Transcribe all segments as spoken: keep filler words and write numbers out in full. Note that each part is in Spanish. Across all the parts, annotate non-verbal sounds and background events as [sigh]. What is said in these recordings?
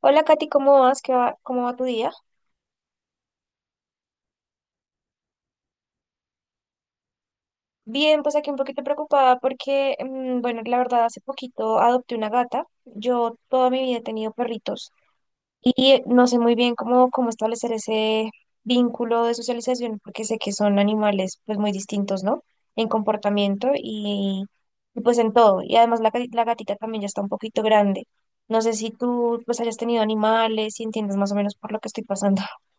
Hola Katy, ¿cómo vas? ¿Qué va? ¿Cómo va tu día? Bien, pues aquí un poquito preocupada porque, mm, bueno, la verdad, hace poquito adopté una gata. Yo toda mi vida he tenido perritos y no sé muy bien cómo, cómo establecer ese vínculo de socialización porque sé que son animales pues muy distintos, ¿no? En comportamiento y, y, pues en todo. Y además la, gati- la gatita también ya está un poquito grande. No sé si tú pues hayas tenido animales y entiendes más o menos por lo que estoy pasando. [laughs]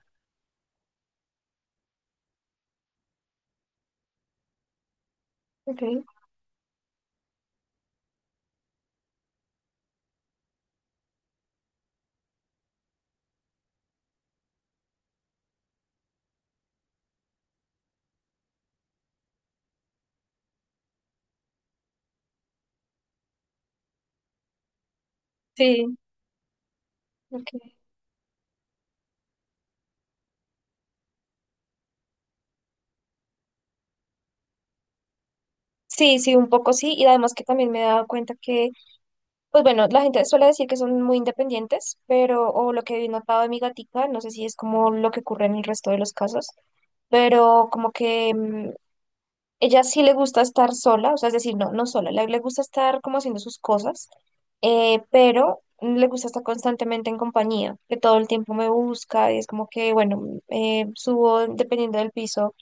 Okay. Sí, ok. Sí, sí, un poco sí, y además que también me he dado cuenta que, pues bueno, la gente suele decir que son muy independientes, pero, o lo que he notado de mi gatica, no sé si es como lo que ocurre en el resto de los casos, pero como que mm, ella sí le gusta estar sola, o sea, es decir, no, no sola, le, le gusta estar como haciendo sus cosas, eh, pero le gusta estar constantemente en compañía, que todo el tiempo me busca y es como que, bueno, eh, subo dependiendo del piso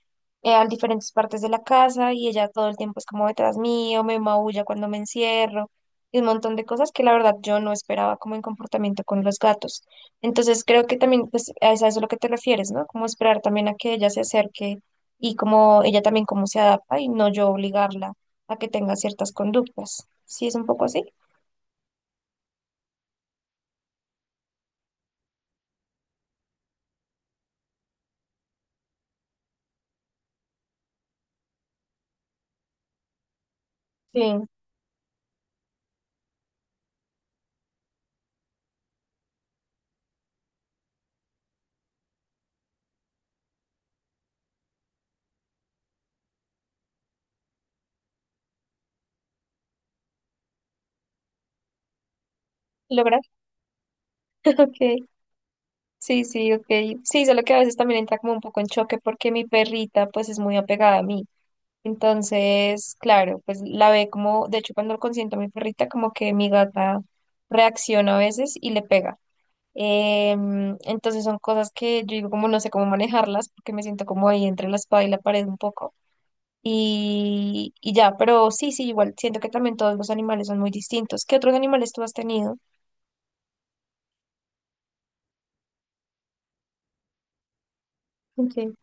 eh, a diferentes partes de la casa y ella todo el tiempo es como detrás mío, me maulla cuando me encierro y un montón de cosas que la verdad yo no esperaba como en comportamiento con los gatos. Entonces creo que también pues a eso es a lo que te refieres, ¿no? Como esperar también a que ella se acerque y como ella también cómo se adapta y no yo obligarla a que tenga ciertas conductas. Sí, es un poco así. Sí, lograr. [laughs] Ok. Sí, sí, ok. Sí, solo que a veces también entra como un poco en choque porque mi perrita pues es muy apegada a mí. Entonces, claro, pues la ve como, de hecho, cuando consiento a mi perrita, como que mi gata reacciona a veces y le pega. Em, entonces son cosas que yo digo como no sé cómo manejarlas porque me siento como ahí entre la espada y la pared un poco. Y, y ya, pero sí, sí, igual siento que también todos los animales son muy distintos. ¿Qué otros animales tú has tenido? Okay.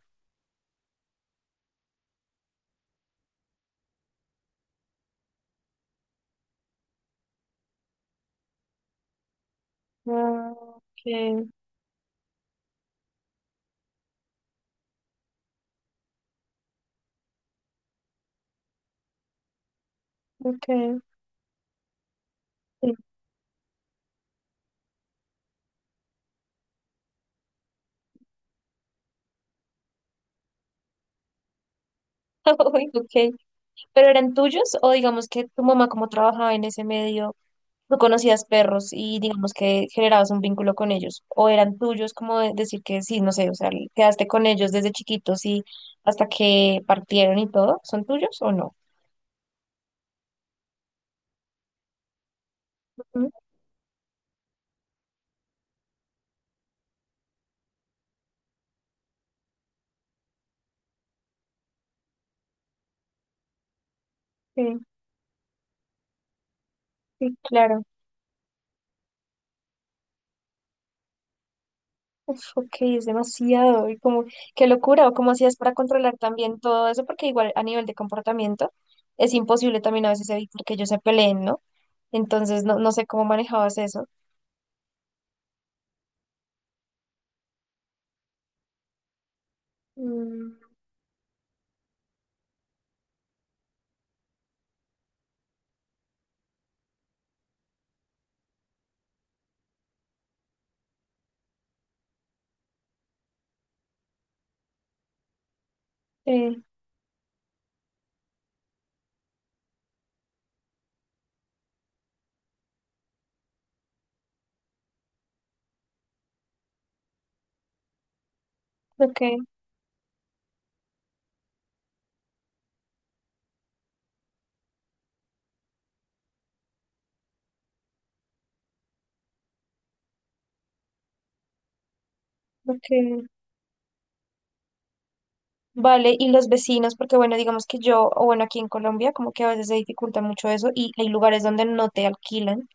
Ah, ok, ok. Sí. [laughs] Uy, ok. ¿Pero eran tuyos o digamos que tu mamá como trabajaba en ese medio? Tú conocías perros y digamos que generabas un vínculo con ellos, o eran tuyos, como de- decir que sí, no sé, o sea, quedaste con ellos desde chiquitos y hasta que partieron y todo, ¿son tuyos o no? Ujú. Sí, sí, claro. Uf, ok, es demasiado. Y como, qué locura, o cómo hacías para controlar también todo eso, porque igual a nivel de comportamiento es imposible también a veces evitar que ellos se peleen, ¿no? Entonces, no, no sé cómo manejabas eso. Mm, sí, ok, ok. Vale, y los vecinos, porque bueno, digamos que yo, o bueno, aquí en Colombia, como que a veces se dificulta mucho eso y hay lugares donde no te alquilan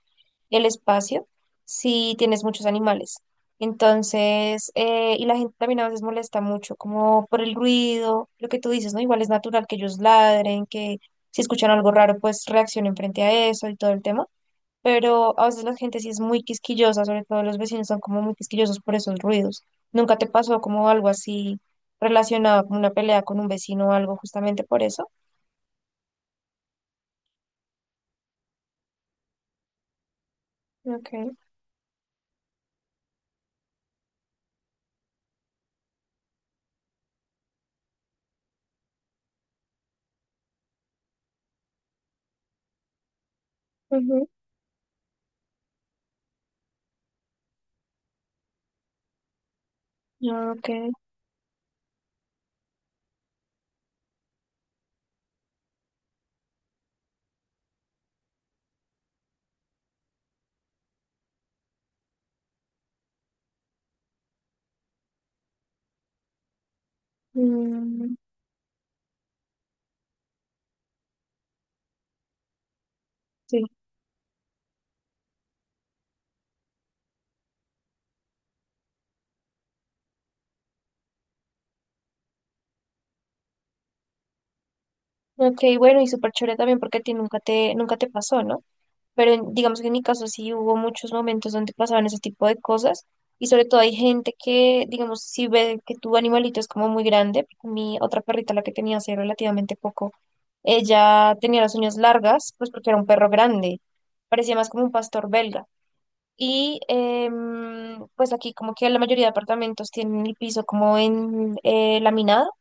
el espacio si tienes muchos animales. Entonces, eh, y la gente también a veces molesta mucho, como por el ruido, lo que tú dices, ¿no? Igual es natural que ellos ladren, que si escuchan algo raro, pues reaccionen frente a eso y todo el tema, pero a veces la gente sí es muy quisquillosa, sobre todo los vecinos son como muy quisquillosos por esos ruidos. ¿Nunca te pasó como algo así relacionado con una pelea con un vecino o algo justamente por eso? Okay. Ujú. Ah, okay. mm, sí. Okay, bueno, y súper chévere también porque a ti nunca te, nunca te pasó, ¿no? Pero en- digamos que en mi caso sí hubo muchos momentos donde pasaban ese tipo de cosas y sobre todo hay gente que, digamos, si ve que tu animalito es como muy grande, mi otra perrita, la que tenía hace relativamente poco, ella tenía las uñas largas, pues porque era un perro grande, parecía más como un pastor belga. Y em, pues aquí como que la mayoría de apartamentos tienen el piso como en eh, laminado,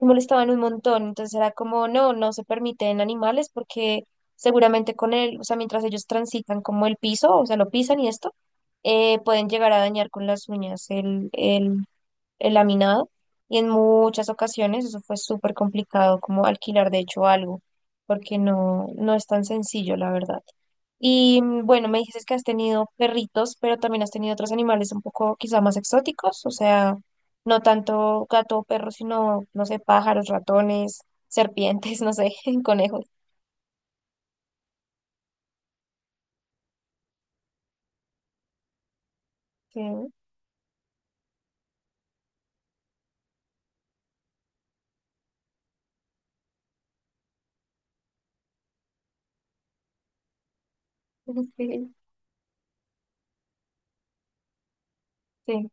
me molestaban un montón, entonces era como, no, no se permiten animales porque seguramente con él, o sea, mientras ellos transitan como el piso, o sea, lo pisan y esto, eh, pueden llegar a dañar con las uñas el, el, el laminado y en muchas ocasiones eso fue súper complicado como alquilar de hecho algo, porque no, no es tan sencillo, la verdad. Y mm, bueno, me dices que has tenido perritos, pero también has tenido otros animales un poco quizá más exóticos, o sea, no tanto gato o perro, sino, no sé, pájaros, ratones, serpientes, [laughs] no sé, [laughs] conejos. Sí, sí, sí.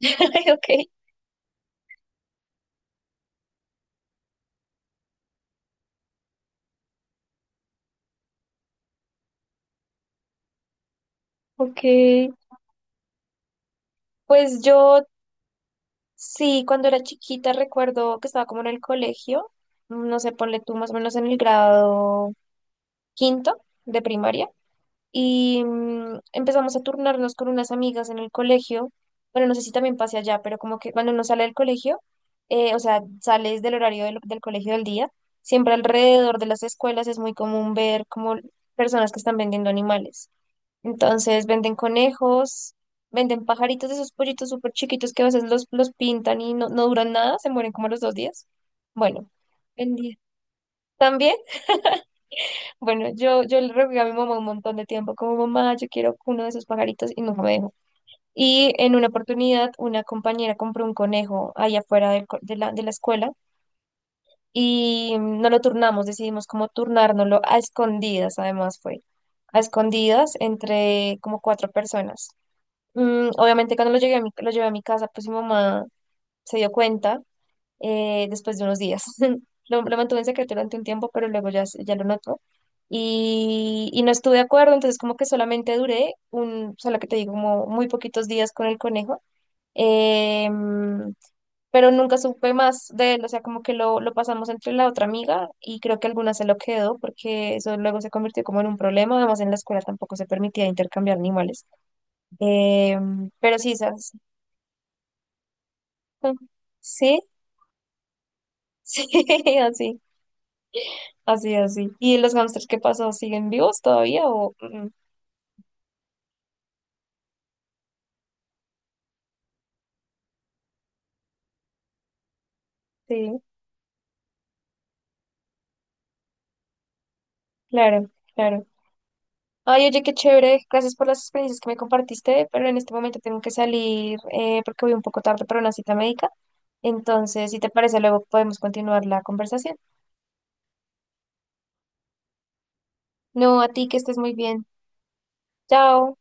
[laughs] Okay. Okay. Pues yo sí, cuando era chiquita recuerdo que estaba como en el colegio, mm, no sé, ponle tú más o menos en el grado quinto de primaria. Y mm, empezamos a turnarnos con unas amigas en el colegio. Bueno, no sé si también pase allá, pero como que cuando uno sale del colegio, eh, o sea, sales del horario del, del colegio del día, siempre alrededor de las escuelas es muy común ver como personas que están vendiendo animales. Entonces venden conejos, venden pajaritos de esos pollitos súper chiquitos que a veces los, los pintan y no, no duran nada, se mueren como a los dos días. Bueno, vendía. También bueno, yo, yo le rogué a mi mamá un montón de tiempo, como mamá, yo quiero uno de esos pajaritos y nunca me dejó. Y en una oportunidad, una compañera compró un conejo ahí afuera del co- de la, de la escuela y mm, no lo turnamos, decidimos como turnárnoslo a escondidas, además fue, a escondidas entre como cuatro personas. Mm, obviamente cuando lo llegué a mi, lo llevé a mi casa, pues mi mamá se dio cuenta eh, después de unos días. [laughs] Lo, lo mantuve en secreto durante un tiempo, pero luego ya, se- ya lo notó. Y, y no estuve de acuerdo, entonces como que solamente duré un, solo que te digo, como muy poquitos días con el conejo. Em, pero nunca supe más de él, o sea, como que lo, lo pasamos entre la otra amiga y creo que alguna se lo quedó porque eso luego se convirtió como en un problema, además en la escuela tampoco se permitía intercambiar animales. Em, pero sí, ¿sabes? [laughs] Sí, [laughs] sí, así. Así, así. ¿Y los hamsters qué pasó? ¿Siguen vivos todavía? O... mm, sí, claro, claro. Ay, oye, qué chévere. Gracias por las experiencias que me compartiste, pero en este momento tengo que salir eh, porque voy un poco tarde para una cita médica. Entonces, si te parece, luego podemos continuar la conversación. No, a ti que estés muy bien. Chao.